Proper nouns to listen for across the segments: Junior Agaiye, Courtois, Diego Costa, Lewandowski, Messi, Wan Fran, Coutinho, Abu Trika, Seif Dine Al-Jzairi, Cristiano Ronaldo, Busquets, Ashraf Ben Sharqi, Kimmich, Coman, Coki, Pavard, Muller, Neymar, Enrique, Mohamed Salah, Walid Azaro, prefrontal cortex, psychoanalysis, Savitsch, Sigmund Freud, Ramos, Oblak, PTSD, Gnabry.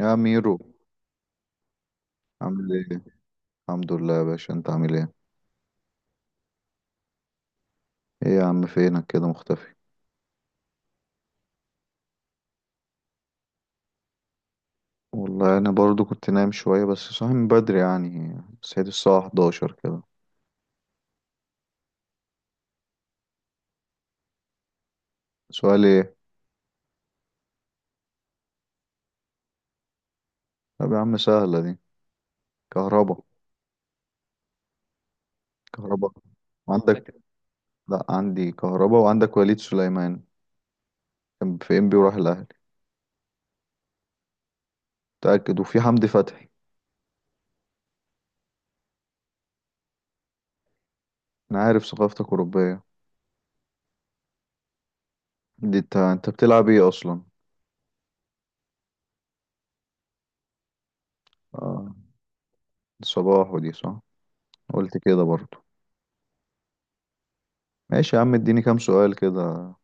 يا ميرو، عامل ايه؟ الحمد لله يا باشا، انت عامل ايه؟ ايه يا عم، فينك كده مختفي؟ والله انا برضو كنت نايم شويه بس صاحي من بدري، يعني صحيت الساعه 11 كده. سؤال ايه؟ طب يا عم سهله دي. كهربا. كهربا؟ عندك؟ لا، عندي كهربا وعندك وليد سليمان. كان في ام بي وراح الاهلي. متاكد، وفي حمدي فتحي. انا عارف ثقافتك اوروبيه. دي انت بتلعب ايه اصلا؟ اه، صباح، ودي صح. قلت كده برضو. ماشي يا عم، اديني كام سؤال كده.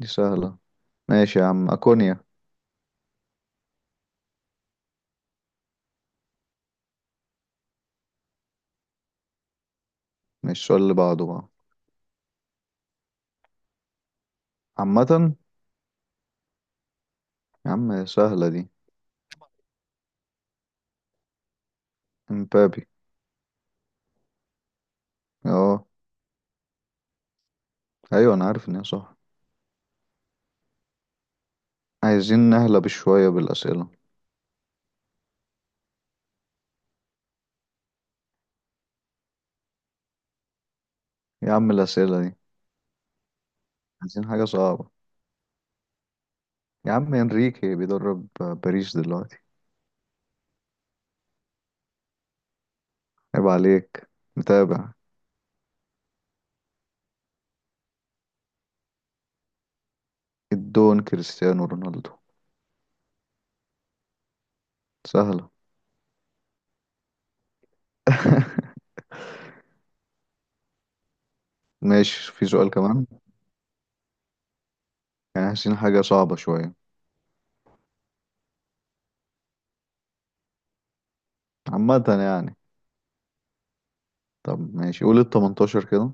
دي سهله. ماشي يا عم، اكونيا. مش السؤال اللي بعده بقى. عامة. يا عم سهلة دي. امبابي. اه. ايوه انا عارف ان هي صح. عايزين نهلب شوية بالاسئلة. يا عم الاسئلة دي. عايزين حاجة صعبة. يا عم انريكي بيدرب باريس دلوقتي. عيب عليك. متابع. الدون كريستيانو رونالدو. سهلة. ماشي، في سؤال كمان. يعني عايزين حاجة صعبة شوية. عامة يعني. طب ماشي، قول ال 18 كده.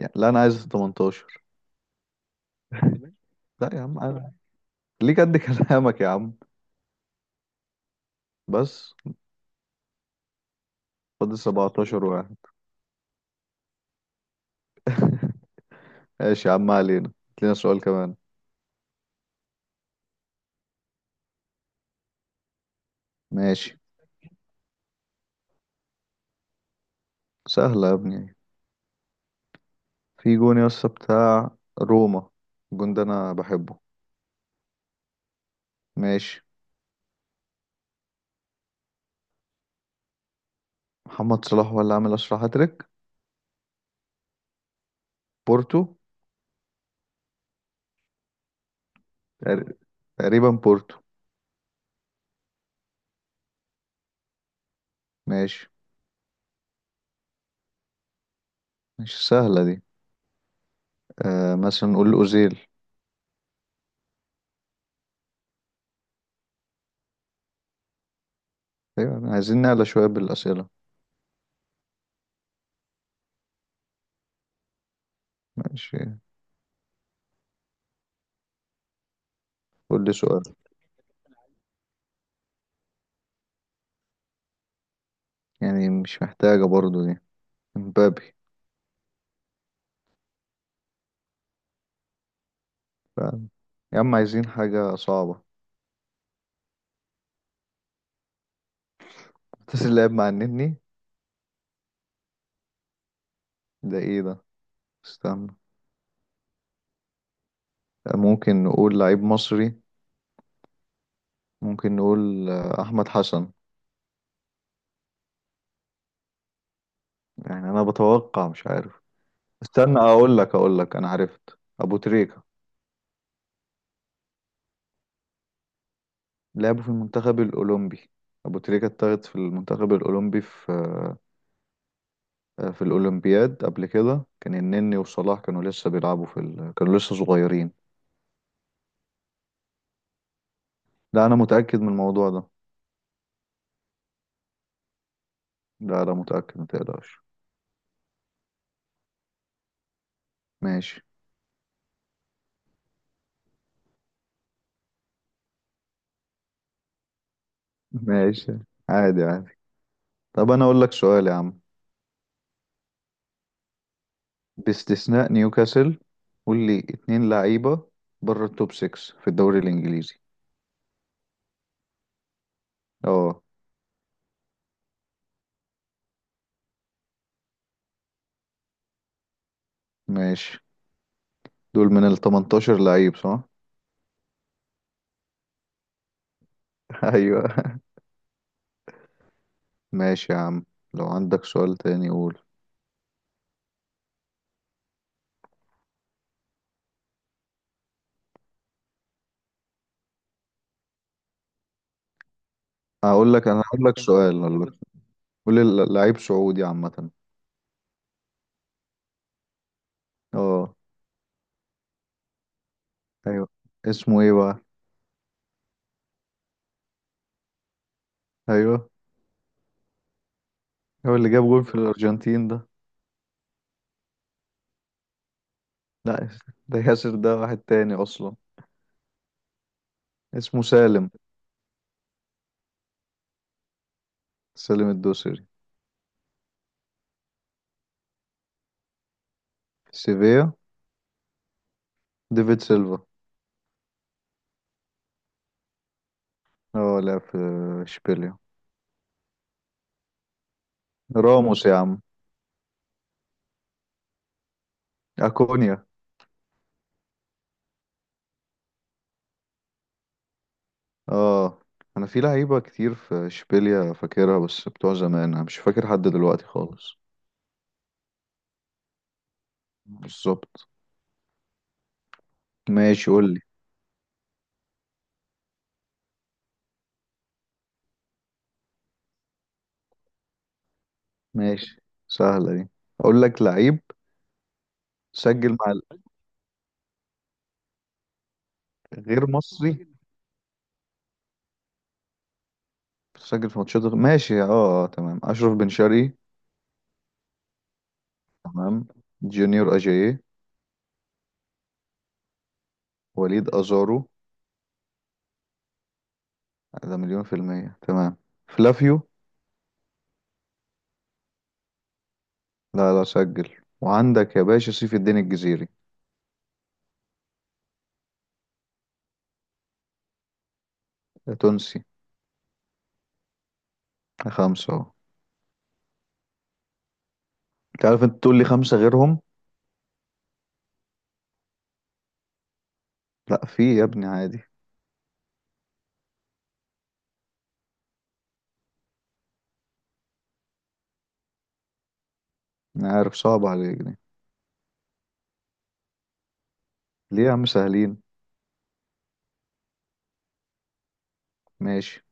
يعني لا، انا عايز ال 18. لا يا عم. ليه قد كلامك يا عم؟ بس. فاضل 17 واحد. ماشي يا عم، ما علينا، هات لنا سؤال كمان. ماشي. سهلة يا ابني. في جون يا اسطى بتاع روما. الجون ده انا بحبه. ماشي. محمد صلاح هو اللي عامل اسرع هاتريك. بورتو. تقر- تقريبا بورتو. ماشي. مش سهلة دي. مثلا نقول اوزيل. ايوه، عايزين نعلى شوية بالأسئلة. ماشي. قول لي سؤال. يعني مش محتاجة برضو دي. مبابي. ف- يا عم عايزين حاجة صعبة. بس اللاعب مع النني. ده ايه ده؟ استنى. ممكن نقول لعيب مصري. ممكن نقول احمد حسن. يعني انا بتوقع مش عارف. استنى، اقول لك انا عرفت ابو تريكة. لعبه في المنتخب الاولمبي. ابو تريكة اتاخد في المنتخب الاولمبي في الاولمبياد قبل كده. كان النني وصلاح كانوا لسه بيلعبوا كانوا لسه صغيرين. لا انا متأكد من الموضوع ده. لا لا متأكد، ما تقلقش. ماشي. ماشي. عادي عادي. طب انا اقول لك سؤال يا عم. باستثناء نيوكاسل، قول لي اتنين لعيبة بره التوب 6 في الدوري الإنجليزي. اه. ماشي. دول من ال 18 لعيب صح؟ أيوه. ماشي يا عم، لو عندك سؤال تاني قول. هقول لك أنا هقول لك سؤال والله. قول لي لعيب سعودي عامة. اه. أيوه. اسمه ايه بقى؟ أيوه. هو اللي جاب جول في الأرجنتين ده. لا. ده ياسر، ده واحد تاني أصلا. اسمه سالم. سالم الدوسري. سيفيا. ديفيد سيلفا. اه، لعب في اشبيليا. راموس يا عم. اكونيا. اه. انا في لعيبه كتير في اشبيليا فاكرها، بس بتوع زمان انا مش فاكر حد دلوقتي خالص. بالظبط. ماشي قول لي. ماشي. سهله دي. اقول لك لعيب. سجل مع ال- غير مصري. سجل في ماتشات ماشي، تمام، اشرف بن شرقي. تمام. جونيور اجاييه. وليد ازارو. ده مليون في المية، تمام. فلافيو. لا لا سجل. وعندك يا باشا سيف الدين الجزيري. ده تونسي. ده خمسة اهو. انت عارف انت تقول لي خمسة غيرهم. لا، في يا ابني عادي. انا عارف صعب عليك دي. ليه يا عم سهلين. ماشي.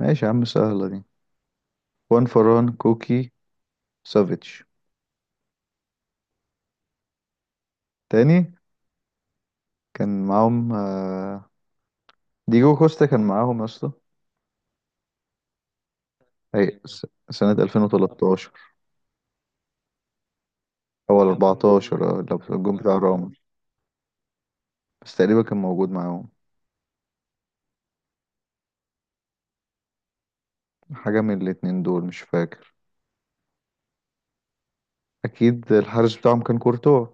ماشي يا عم، سهلة دي. وان فران كوكي. سافيتش. تاني. كان معاهم ديجو كوستا كان معاهم يا اسطى. سنة 2013 او 14. اه، لو في الجون بتاع راموس. بس تقريبا كان موجود معاهم. حاجة من الاتنين دول مش فاكر. اكيد الحارس بتاعهم كان كورتوا.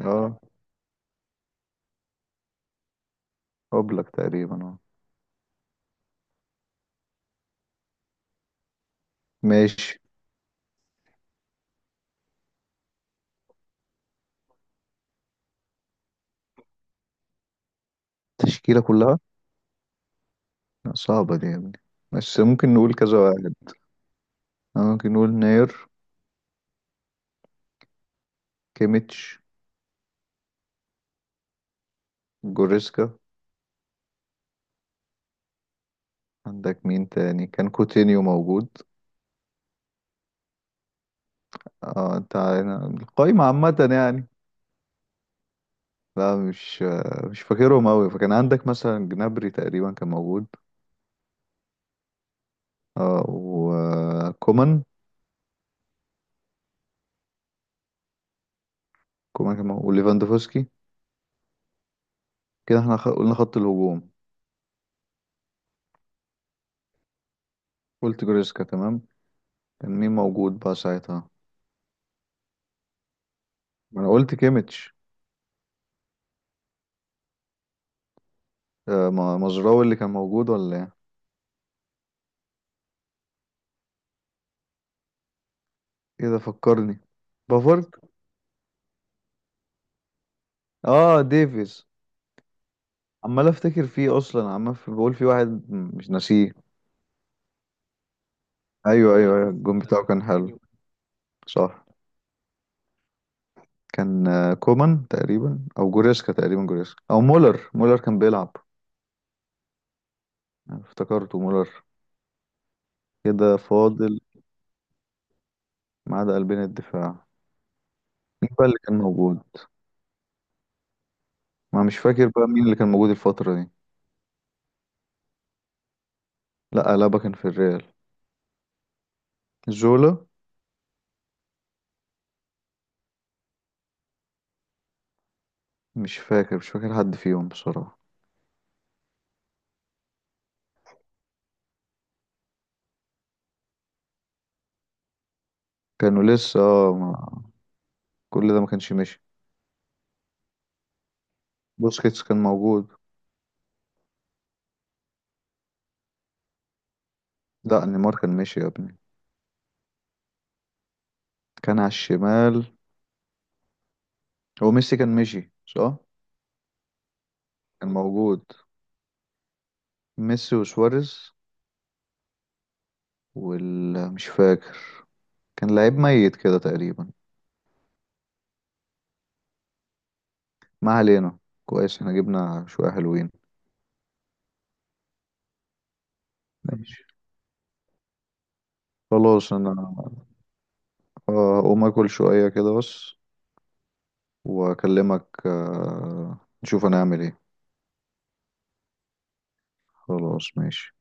اه. اوبلاك تقريبا، اه. ماشي. التشكيلة كلها؟ لا، صعبة دي يا ابني. بس ممكن نقول كذا واحد. أنا ممكن نقول ناير. كيميتش. جوريسكا. عندك مين تاني؟ كان كوتينيو موجود. اه، القايمة عامة يعني. لا، مش فاكرهم أوي، فكان عندك مثلا جنابري تقريبا كان موجود. اه، وكومان. كومان كان موجود وليفاندوفسكي. كده احنا قلنا خط الهجوم. قلت جوريسكا، تمام. كان مين موجود بقى ساعتها؟ ما انا قلت كيميتش. مزراوي اللي كان موجود ولا ايه؟ كده فكرني. بافارد. اه، ديفيز. عمال افتكر فيه اصلا، عمال بقول في واحد مش ناسيه. ايوه ايوه ايوه، الجون بتاعه كان حلو. صح. كان كومان تقريبا او جوريسكا تقريبا، جوريسكا او مولر، مولر كان بيلعب. افتكرته مولر. كده فاضل. ما عدا قلبين الدفاع. مين بقى اللي كان موجود؟ ما مش فاكر بقى مين اللي كان موجود الفترة دي. لا، ألابا كان في الريال. زولا. مش فاكر، مش فاكر حد فيهم بصراحة. كانوا لسه كل ده ما كانش ماشي. بوسكيتس كان موجود. لا، نيمار كان ماشي يا ابني. كان على الشمال. هو ميسي كان مشي صح؟ كان موجود. ميسي وسواريز. وال مش فاكر. كان لعيب ميت كده تقريبا. ما علينا. كويس، احنا جبنا شوية حلوين. ماشي. خلاص انا هقوم اكل شوية كده بس، واكلمك نشوف هنعمل ايه. خلاص ماشي.